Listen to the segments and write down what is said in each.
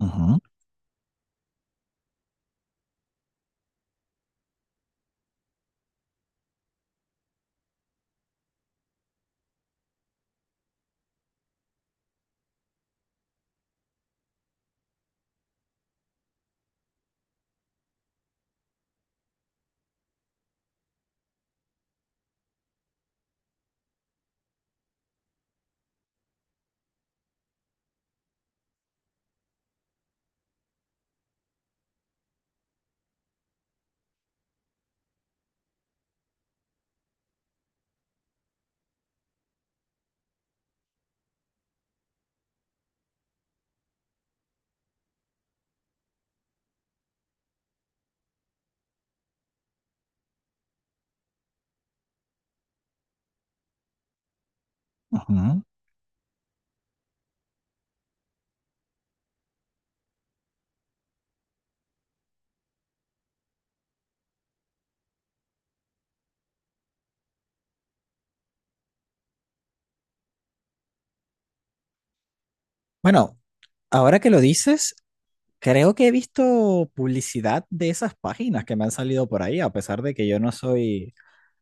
Ujú, ujú. Bueno, ahora que lo dices, creo que he visto publicidad de esas páginas que me han salido por ahí, a pesar de que yo no soy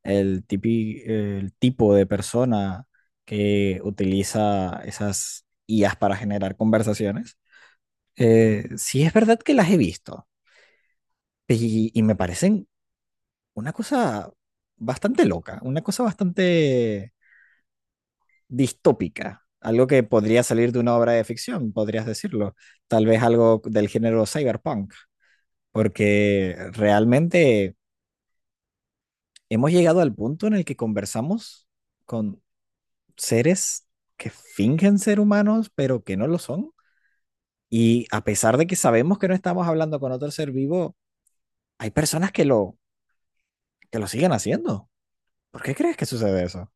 el tipo de persona que utiliza esas IAs para generar conversaciones. Sí es verdad que las he visto y me parecen una cosa bastante loca, una cosa bastante distópica, algo que podría salir de una obra de ficción, podrías decirlo, tal vez algo del género cyberpunk, porque realmente hemos llegado al punto en el que conversamos con seres que fingen ser humanos, pero que no lo son, y a pesar de que sabemos que no estamos hablando con otro ser vivo, hay personas que lo siguen haciendo. ¿Por qué crees que sucede eso?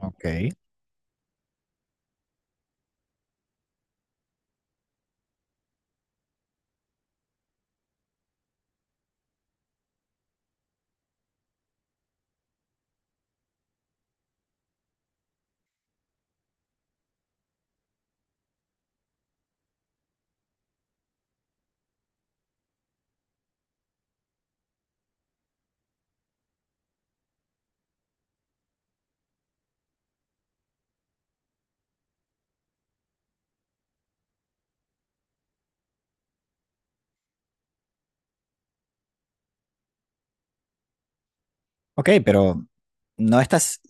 Ok. Ok, pero no estás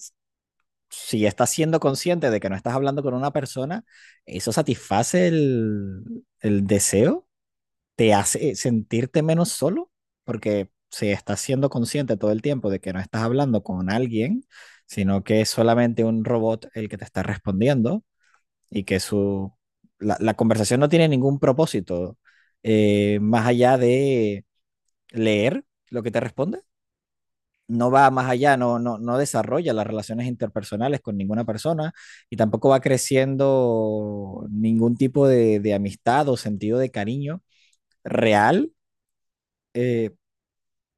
si estás siendo consciente de que no estás hablando con una persona, eso satisface el deseo, te hace sentirte menos solo, porque si estás siendo consciente todo el tiempo de que no estás hablando con alguien, sino que es solamente un robot el que te está respondiendo y que la conversación no tiene ningún propósito más allá de leer lo que te responde. No va más allá, no, no, no desarrolla las relaciones interpersonales con ninguna persona y tampoco va creciendo ningún tipo de amistad o sentido de cariño real. eh,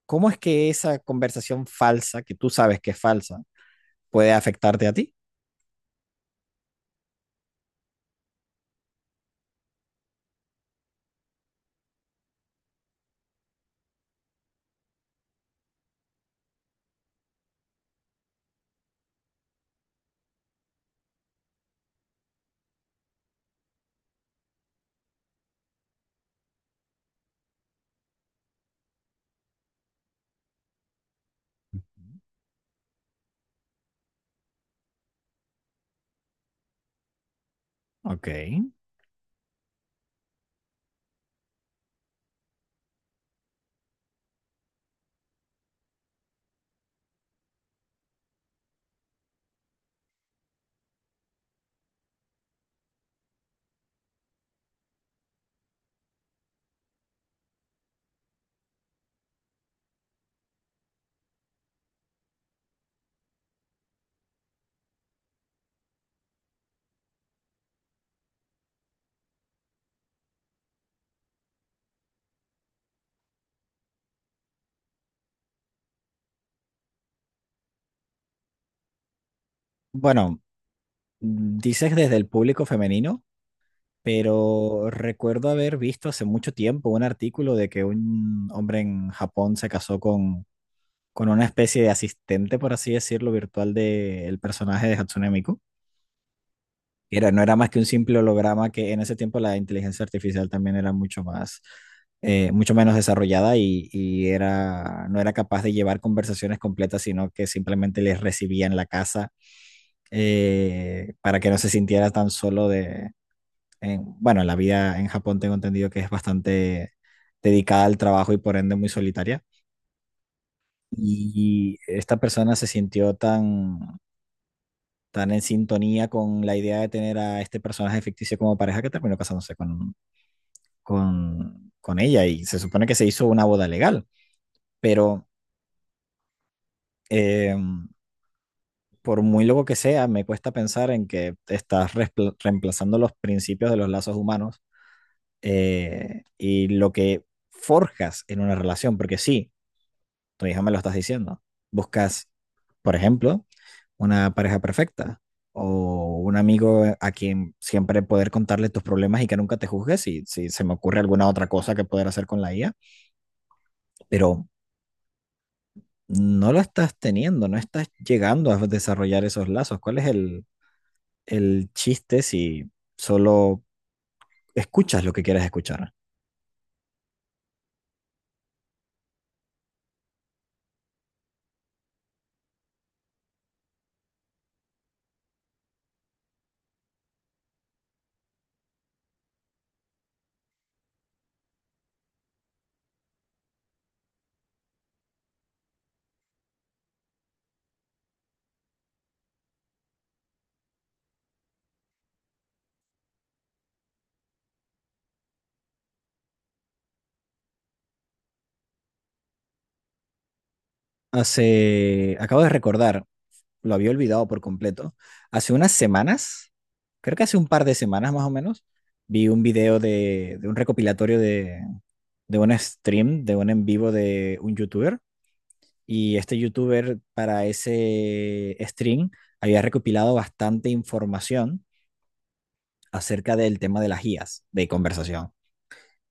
¿Cómo es que esa conversación falsa, que tú sabes que es falsa, puede afectarte a ti? Ok. Bueno, dices desde el público femenino, pero recuerdo haber visto hace mucho tiempo un artículo de que un hombre en Japón se casó con una especie de asistente, por así decirlo, virtual del personaje de Hatsune Miku. Era, no era más que un simple holograma que en ese tiempo la inteligencia artificial también era mucho más, mucho menos desarrollada y era, no era capaz de llevar conversaciones completas, sino que simplemente les recibía en la casa para que no se sintiera tan solo de, en- bueno, la vida en Japón tengo entendido que es bastante dedicada al trabajo y por ende muy solitaria. Y esta persona se sintió tan, tan en sintonía con la idea de tener a este personaje ficticio como pareja que terminó casándose con, con ella, y se supone que se hizo una boda legal, pero eh, por muy loco que sea, me cuesta pensar en que estás respl- reemplazando los principios de los lazos humanos y lo que forjas en una relación, porque sí, tu hija me lo estás diciendo, buscas, por ejemplo, una pareja perfecta o un amigo a quien siempre poder contarle tus problemas y que nunca te juzgue si, si se me ocurre alguna otra cosa que poder hacer con la IA, pero no lo estás teniendo, no estás llegando a desarrollar esos lazos. ¿Cuál es el chiste si solo escuchas lo que quieres escuchar? Hace, acabo de recordar, lo había olvidado por completo. Hace unas semanas, creo que hace un par de semanas más o menos, vi un video de un recopilatorio de un stream, de un en vivo de un youtuber. Y este youtuber para ese stream había recopilado bastante información acerca del tema de las guías de conversación.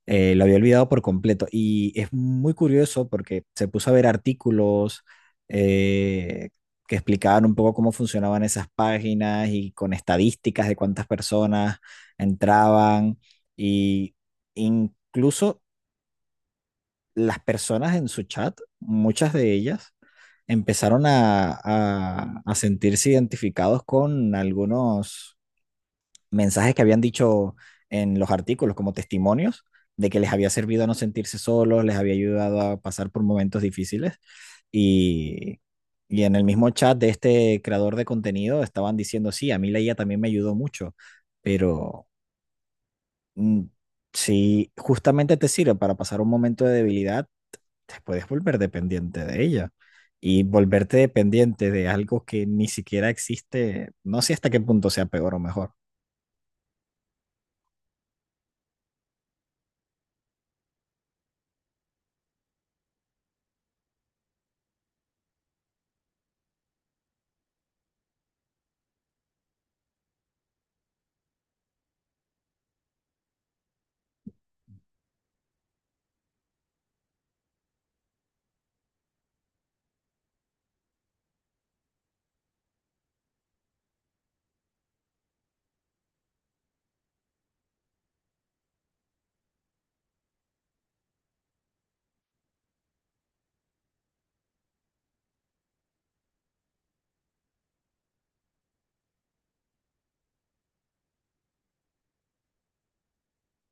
Lo había olvidado por completo. Y es muy curioso porque se puso a ver artículos eh, que explicaban un poco cómo funcionaban esas páginas y con estadísticas de cuántas personas entraban. Y incluso las personas en su chat, muchas de ellas, empezaron a sentirse identificados con algunos mensajes que habían dicho en los artículos como testimonios de que les había servido a no sentirse solos, les había ayudado a pasar por momentos difíciles y, y en el mismo chat de este creador de contenido estaban diciendo, sí, a mí la IA también me ayudó mucho, pero mm, si justamente te sirve para pasar un momento de debilidad, te puedes volver dependiente de ella. Y volverte dependiente de algo que ni siquiera existe, no sé hasta qué punto sea peor o mejor.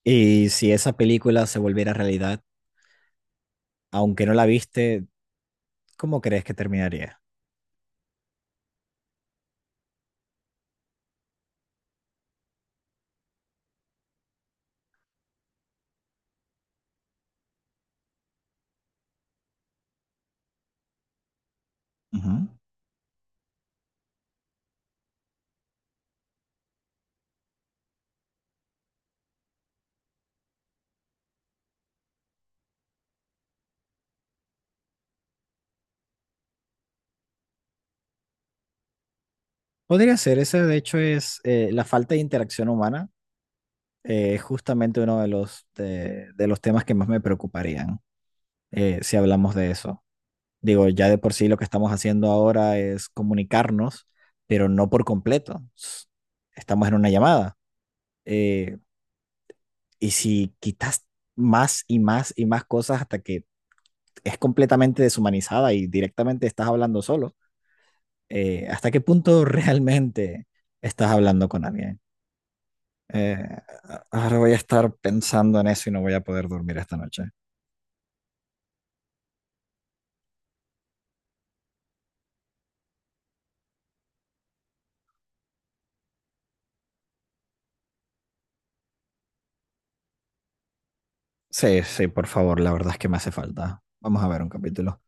Y si esa película se volviera realidad, aunque no la viste, ¿cómo crees que terminaría? Ujú. Podría ser, ese de hecho es la falta de interacción humana, es justamente uno de los, de los temas que más me preocuparían si hablamos de eso. Digo, ya de por sí lo que estamos haciendo ahora es comunicarnos, pero no por completo. S- estamos en una llamada. Eh, y si quitas más y más y más cosas hasta que es completamente deshumanizada y directamente estás hablando solo. ¿Hasta qué punto realmente estás hablando con alguien? Eh, Ahora voy a estar pensando en eso y no voy a poder dormir esta noche. Sí, sí, por favor, la verdad es que me hace falta. Vamos a ver un capítulo.